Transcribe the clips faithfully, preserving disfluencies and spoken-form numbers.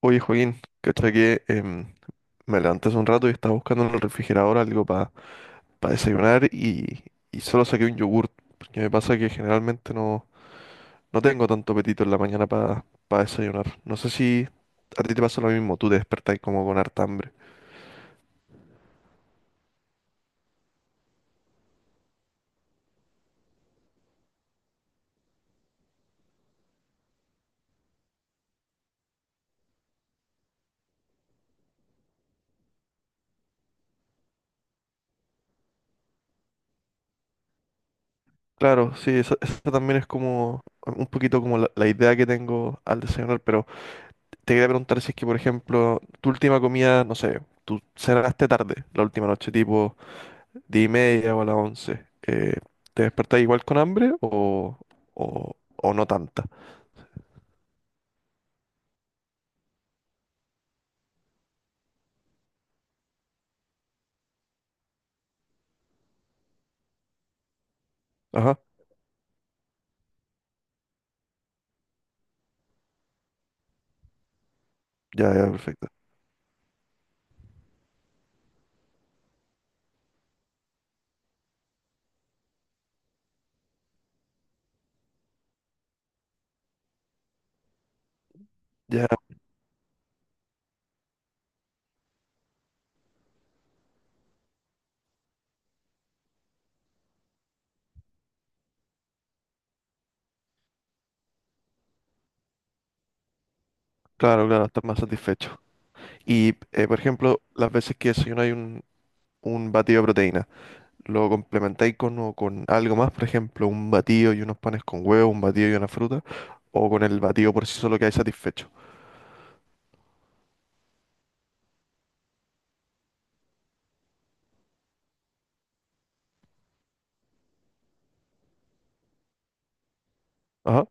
Oye, Joaquín, cacha que em, me levanté hace un rato y estaba buscando en el refrigerador algo para desayunar y, y solo saqué un yogurt. Porque me pasa que generalmente no, no tengo tanto apetito en la mañana para desayunar. No sé si a ti te pasa lo mismo, tú te despertás como con harta hambre. Claro, sí, esa, esa también es como un poquito como la, la idea que tengo al desayunar, pero te quería preguntar si es que, por ejemplo, tu última comida, no sé, tú cenaste tarde la última noche, tipo diez y media o a las once. Eh, ¿te despertás igual con hambre o, o, o no tanta? Ajá, ya, ya, perfecto. Ya, claro, claro, estás más satisfecho. Y, eh, por ejemplo, las veces que desayunáis un, un batido de proteína, ¿lo complementáis con, o con algo más? Por ejemplo, un batido y unos panes con huevo, un batido y una fruta, o con el batido por sí solo que hay satisfecho. Ajá,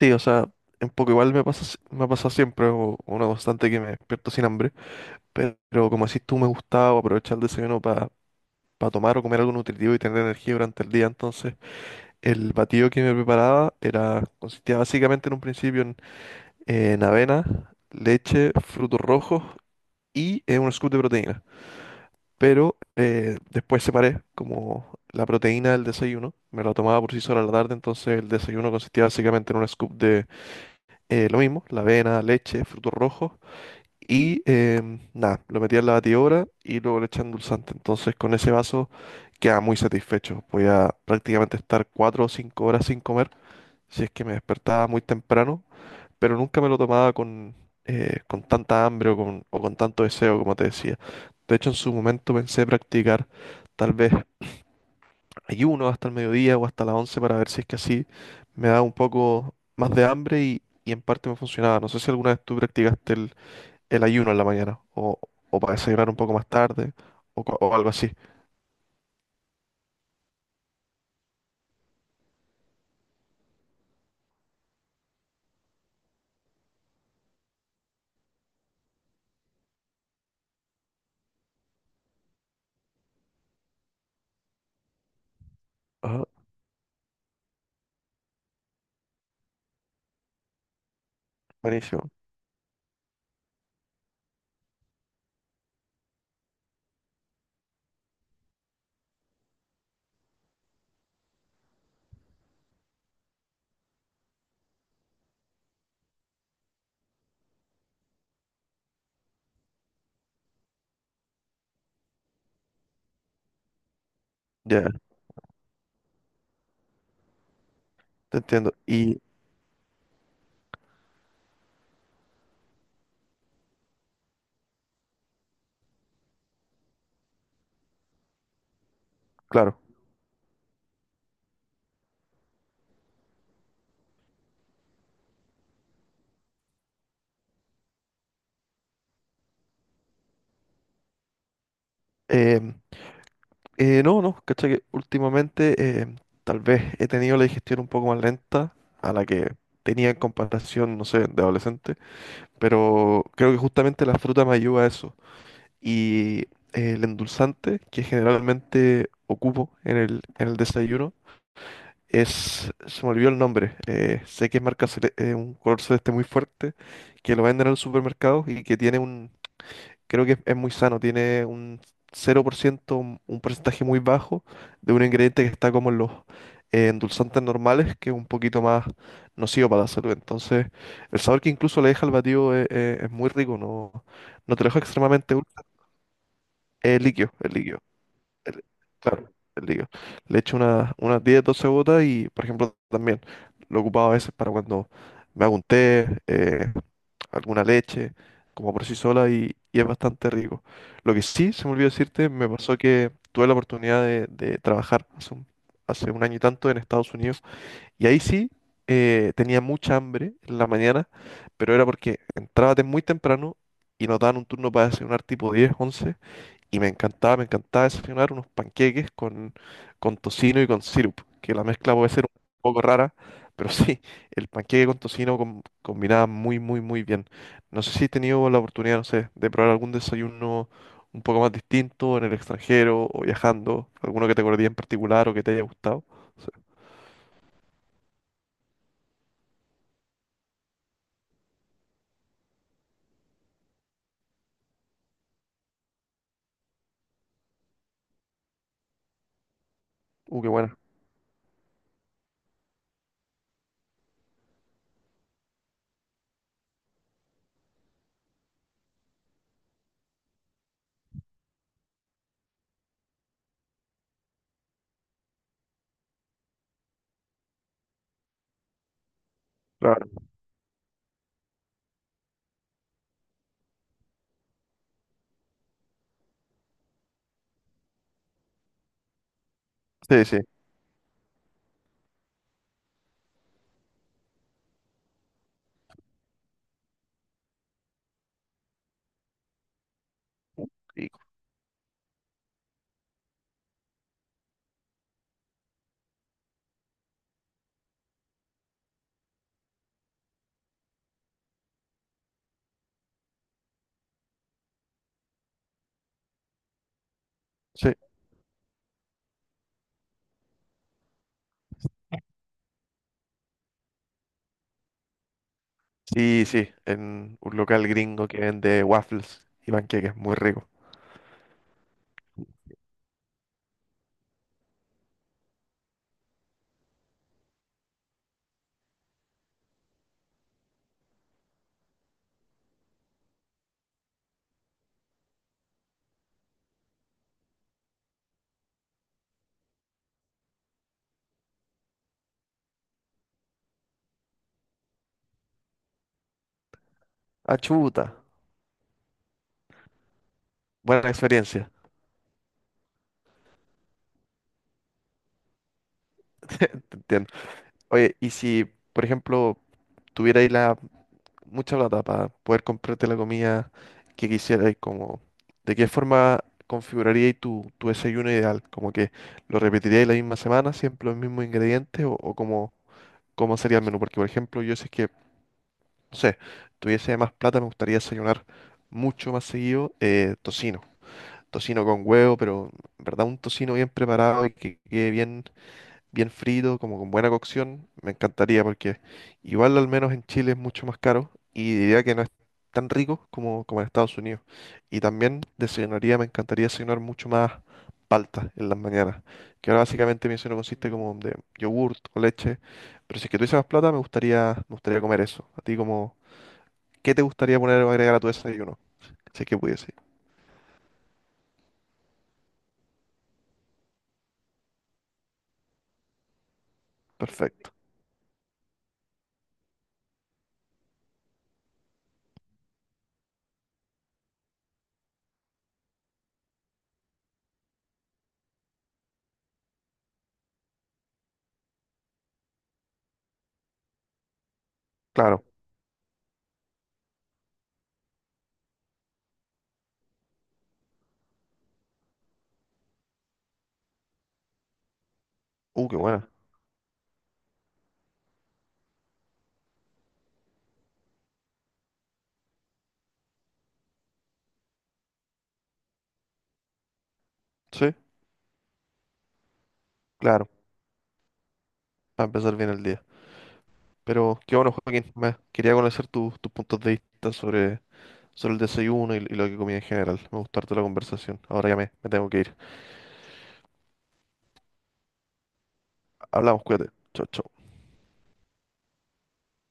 sí, o sea, un poco igual me pasa, si- me ha pasado siempre, o una constante que me despierto sin hambre. Pero como decís tú, me gustaba aprovechar el desayuno para para tomar o comer algo nutritivo y tener energía durante el día. Entonces, el batido que me preparaba era, consistía básicamente en un principio en, en avena, leche, frutos rojos y eh, un scoop de proteína. Pero eh, después separé como la proteína del desayuno, me la tomaba por sí sola a la tarde, entonces el desayuno consistía básicamente en un scoop de eh, lo mismo, la avena, leche, frutos rojos y em, nada, lo metía en la batidora y luego le echan endulzante. Entonces con ese vaso queda muy satisfecho. Voy a prácticamente estar cuatro o cinco horas sin comer, si es que me despertaba muy temprano, pero nunca me lo tomaba con, eh, con tanta hambre o con, o con tanto deseo, como te decía. De hecho, en su momento pensé practicar tal vez ayuno hasta el mediodía o hasta las once para ver si es que así me da un poco más de hambre y, y en parte me funcionaba. No sé si alguna vez tú practicaste el ayuno en la mañana, o, o para desayunar un poco más tarde, o, co- o algo así. Ajá, buenísimo. Ya, te entiendo. Y claro, em, eh, no, no, ¿cachai? Que últimamente em, tal vez he tenido la digestión un poco más lenta a la que tenía en comparación, no sé, de adolescente, pero creo que justamente la fruta me ayuda a eso. Y eh, el endulzante que generalmente ocupo en el, en el desayuno, Es, se me olvidó el nombre. eh, sé que es marca cele- eh, un color celeste muy fuerte, que lo venden en el supermercado y que tiene un, creo que es, es muy sano, tiene un cero por ciento, un un porcentaje muy bajo de un ingrediente que está como en los eh, endulzantes normales, que es un poquito más nocivo para la salud. Entonces, el sabor que incluso le deja al batido es, es- es muy rico, no, no te lo deja extremadamente dulce, es líquido, es líquido el- claro, el líquido. Le echo unas unas diez doce gotas y, por ejemplo, también lo he ocupado a veces para cuando me hago un té, eh, alguna leche, como por sí sola y, y es bastante rico. Lo que sí, se me olvidó decirte, me pasó que tuve la oportunidad de, de trabajar hace un, hace un año y tanto en Estados Unidos y ahí sí eh, tenía mucha hambre en la mañana, pero era porque entraba de muy temprano y nos daban un turno para desayunar tipo diez once y me encantaba, me encantaba desayunar unos panqueques con, con tocino y con sirup, que la mezcla puede ser un poco rara, pero sí, el panqueque con tocino com- combinaba muy, muy, muy bien. No sé si he tenido la oportunidad, no sé, de probar algún desayuno un poco más distinto en el extranjero o viajando, alguno que te acordé en particular o que te haya gustado. Sí. Uh, qué buena. Claro. Sí, sí. Rico. Sí, sí, sí, en un local gringo que vende waffles y panqueques, muy rico. Ah, chuta, buena experiencia. Te entiendo. Oye, y si, por ejemplo, tuvierais la mucha plata para poder comprarte la comida que quisierais, como, ¿de qué forma configuraríais tu, tu desayuno ideal? ¿Como que lo repetiríais la misma semana, siempre los mismos ingredientes? ¿O, o cómo, cómo sería el menú? Porque, por ejemplo, yo si es que, no sé, tuviese más plata, me gustaría desayunar mucho más seguido eh, tocino. Tocino con huevo, pero en verdad un tocino bien preparado y que quede bien bien frito, como con buena cocción, me encantaría porque igual al menos en Chile es mucho más caro y diría que no es tan rico como, como en Estados Unidos. Y también desayunaría, me encantaría desayunar mucho más palta en las mañanas, que ahora básicamente mi desayuno consiste como de yogurt o leche, pero si es que tuviese más plata me gustaría, me gustaría comer eso. A ti como, ¿qué te gustaría poner o agregar a tu desayuno? Si es que pudiese. Perfecto. Claro. Uh, qué buena. Sí, claro. Para empezar bien el día. Pero qué bueno, Joaquín. Me- quería conocer tus tus puntos de vista sobre, sobre el desayuno y, y lo que comía en general. Me gustó harto la conversación. Ahora ya me, me tengo que ir. Hablamos, cuídate. Chao, chao.